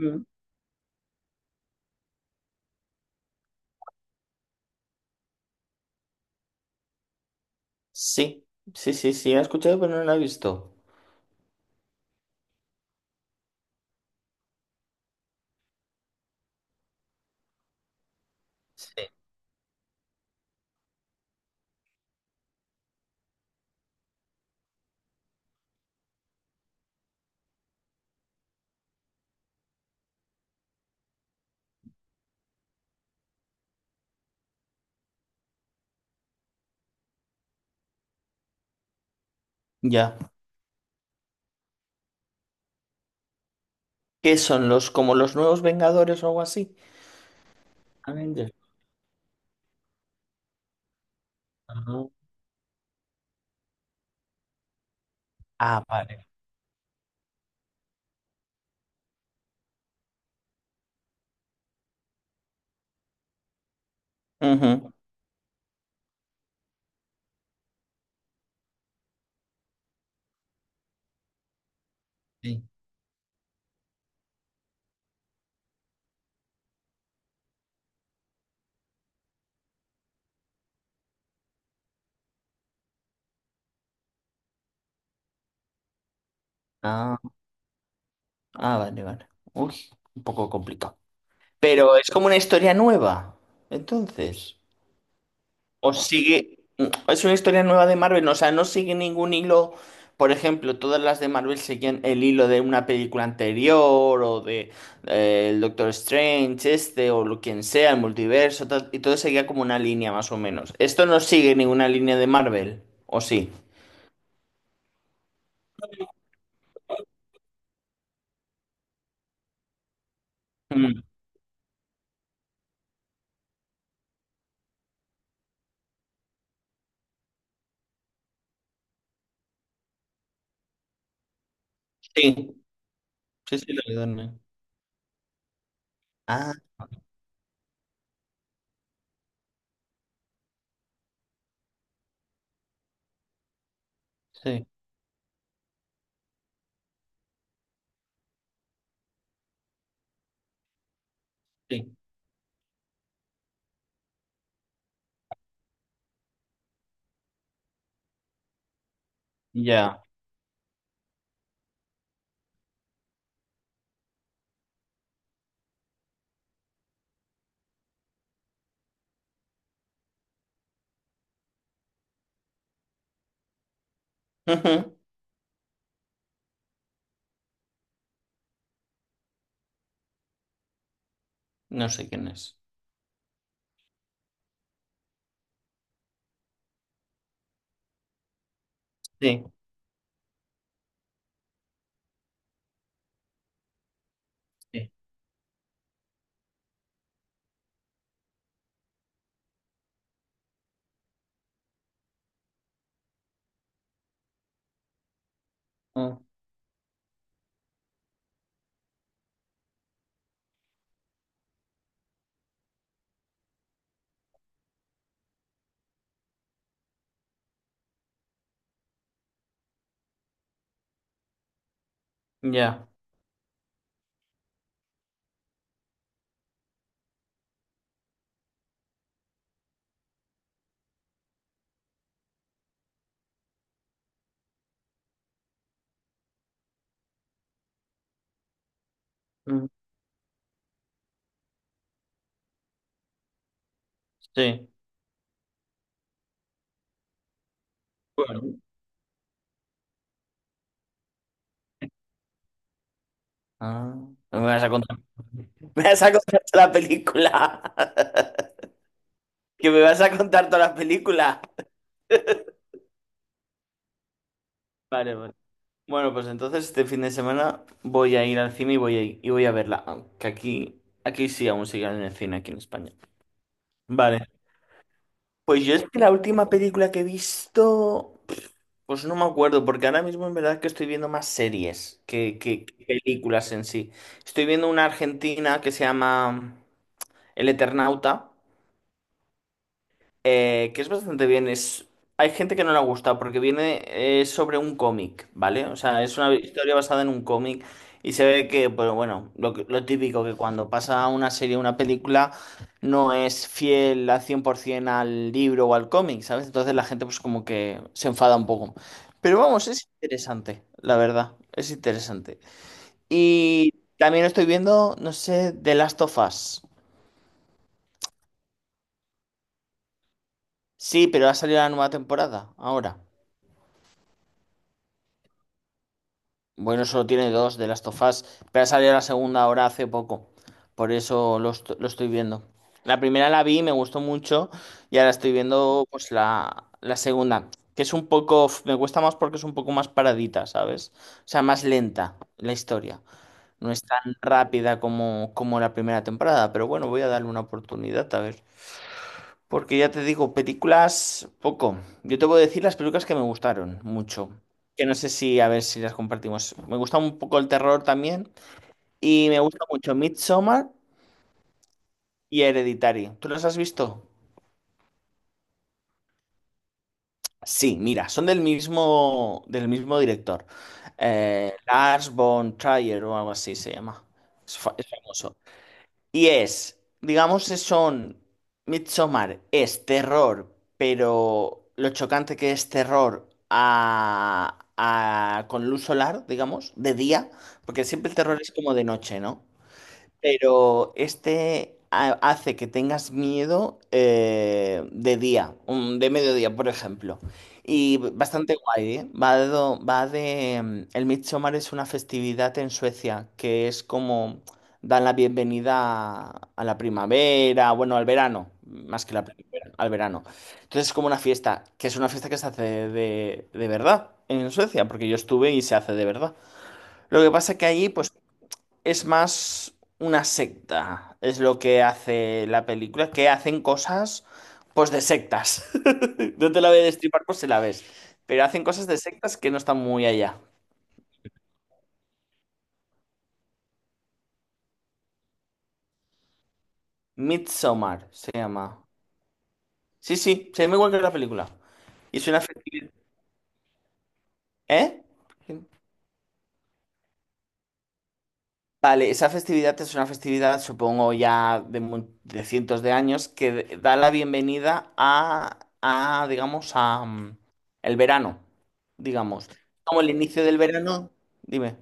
Mm. Sí, sí, sí, sí, he escuchado, pero no la he visto. Ya. ¿Qué son como los nuevos Vengadores o algo así? Avengers. Ah, ah, vale. Ujú. Sí. Ah, ah, vale, vale. Uy, un poco complicado. Pero es como una historia nueva, entonces. O sigue, es una historia nueva de Marvel, ¿no? O sea, no sigue ningún hilo, por ejemplo, todas las de Marvel siguen el hilo de una película anterior o de el Doctor Strange, este o lo quien sea, el multiverso, tal, y todo seguía como una línea más o menos. Esto no sigue ninguna línea de Marvel, ¿o sí? Mm, sí, sí, sí, lo de Donner. Ah, sí, sí, ya. Ujú. No sé quién es. Sí, sí. Mm, ya. Mm, sí. Bueno. Ah, no me vas a contar. Me vas a contar toda la película. Que me vas a contar toda la película. Vale, vale. Bueno, pues entonces este fin de semana voy a ir al cine y voy a verla. Que aquí sí aún siguen en el cine, aquí en España. Vale. Pues yo es que la última película que he visto, pues no me acuerdo, porque ahora mismo en verdad que estoy viendo más series que películas en sí. Estoy viendo una argentina que se llama El Eternauta. Que es bastante bien. Hay gente que no le ha gustado porque viene sobre un cómic, ¿vale? O sea, es una historia basada en un cómic y se ve que, pues bueno, lo típico que cuando pasa una serie, o una película, no es fiel al 100% al libro o al cómic, ¿sabes? Entonces la gente pues como que se enfada un poco. Pero vamos, es interesante, la verdad, es interesante. Y también estoy viendo, no sé, The Last of Us. Sí, pero ha salido la nueva temporada ahora. Bueno, solo tiene dos de Last of Us, pero ha salido la segunda ahora hace poco. Por eso lo estoy viendo. La primera la vi, me gustó mucho, y ahora estoy viendo pues la segunda, que es un poco, me cuesta más porque es un poco más paradita, ¿sabes? O sea, más lenta la historia. No es tan rápida como la primera temporada, pero bueno, voy a darle una oportunidad a ver. Porque ya te digo, películas poco. Yo te voy a decir las películas que me gustaron mucho. Que no sé si, a ver si las compartimos. Me gusta un poco el terror también. Y me gusta mucho Midsommar y Hereditary. ¿Tú las has visto? Sí, mira, son del mismo director. Lars von Trier o algo así se llama. Es famoso. Y es, digamos, son Midsommar es terror, pero lo chocante que es terror a con luz solar, digamos, de día, porque siempre el terror es como de noche, ¿no? Pero este hace que tengas miedo de día, de mediodía, por ejemplo. Y bastante guay, ¿eh? Va de el Midsommar es una festividad en Suecia que es como dan la bienvenida a la primavera, bueno, al verano, más que la primavera, al verano. Entonces es como una fiesta, que es una fiesta que se hace de verdad en Suecia, porque yo estuve y se hace de verdad. Lo que pasa que allí, pues es más una secta, es lo que hace la película, que hacen cosas pues de sectas. No te la voy a destripar por si la ves, pero hacen cosas de sectas que no están muy allá. Midsommar se llama. Sí, sí, se llama igual que la película. Y suena. ¿Eh? Vale, esa festividad es una festividad, supongo, ya de cientos de años, que da la bienvenida a, digamos, a el verano, digamos. Como el inicio del verano, dime.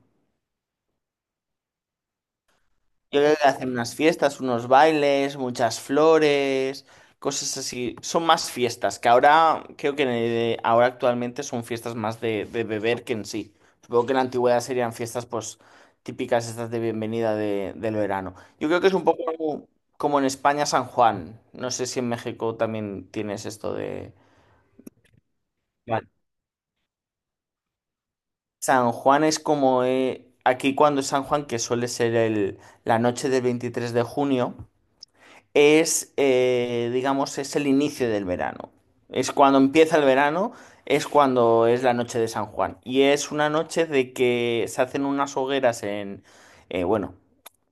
Yo creo que hacen unas fiestas, unos bailes, muchas flores, cosas así. Son más fiestas, que ahora creo que en ahora actualmente son fiestas más de beber que en sí. Supongo que en la antigüedad serían fiestas pues típicas estas de bienvenida del verano. Yo creo que es un poco como en España San Juan. No sé si en México también tienes esto de. Vale. San Juan es como aquí cuando es San Juan, que suele ser la noche del 23 de junio. Es, digamos, es el inicio del verano. Es cuando empieza el verano, es cuando es la noche de San Juan. Y es una noche de que se hacen unas hogueras bueno,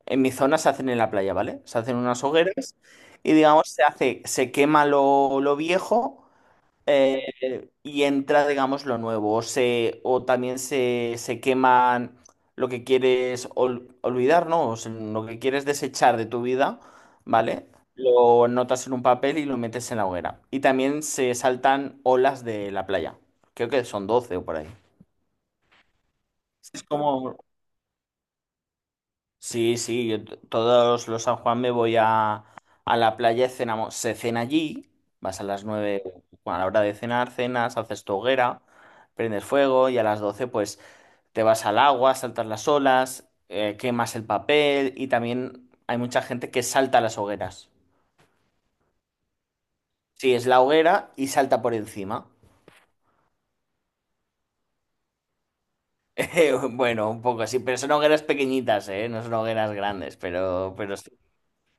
en mi zona se hacen en la playa, ¿vale? Se hacen unas hogueras y, digamos, se hace, se quema lo viejo y entra, digamos, lo nuevo. O también se queman lo que quieres olvidar, ¿no? O sea, lo que quieres desechar de tu vida, ¿vale? Lo notas en un papel y lo metes en la hoguera. Y también se saltan olas de la playa. Creo que son 12 o por ahí. Es como Sí, sí, yo todos los San Juan me voy a la playa, cenamos, se cena allí, vas a las 9. Bueno, a la hora de cenar, cenas, haces tu hoguera, prendes fuego y a las 12, pues te vas al agua, saltas las olas, quemas el papel y también hay mucha gente que salta las hogueras. Sí, es la hoguera y salta por encima. Bueno, un poco así, pero son hogueras pequeñitas, ¿eh? No son hogueras grandes, pero sí.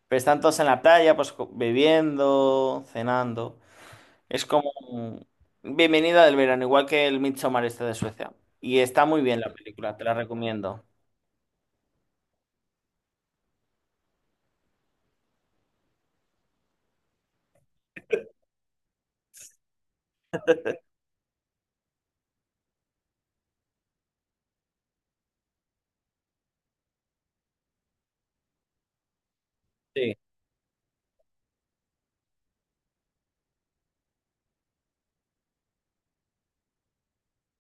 Pero están todos en la playa, pues bebiendo, cenando. Es como bienvenida del verano, igual que el Midsommar este de Suecia. Y está muy bien la película, te la recomiendo. Sí.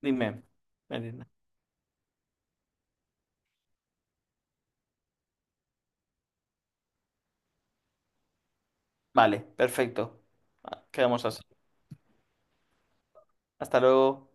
Dime. Melinda. Vale, perfecto. Quedamos así. Hasta luego.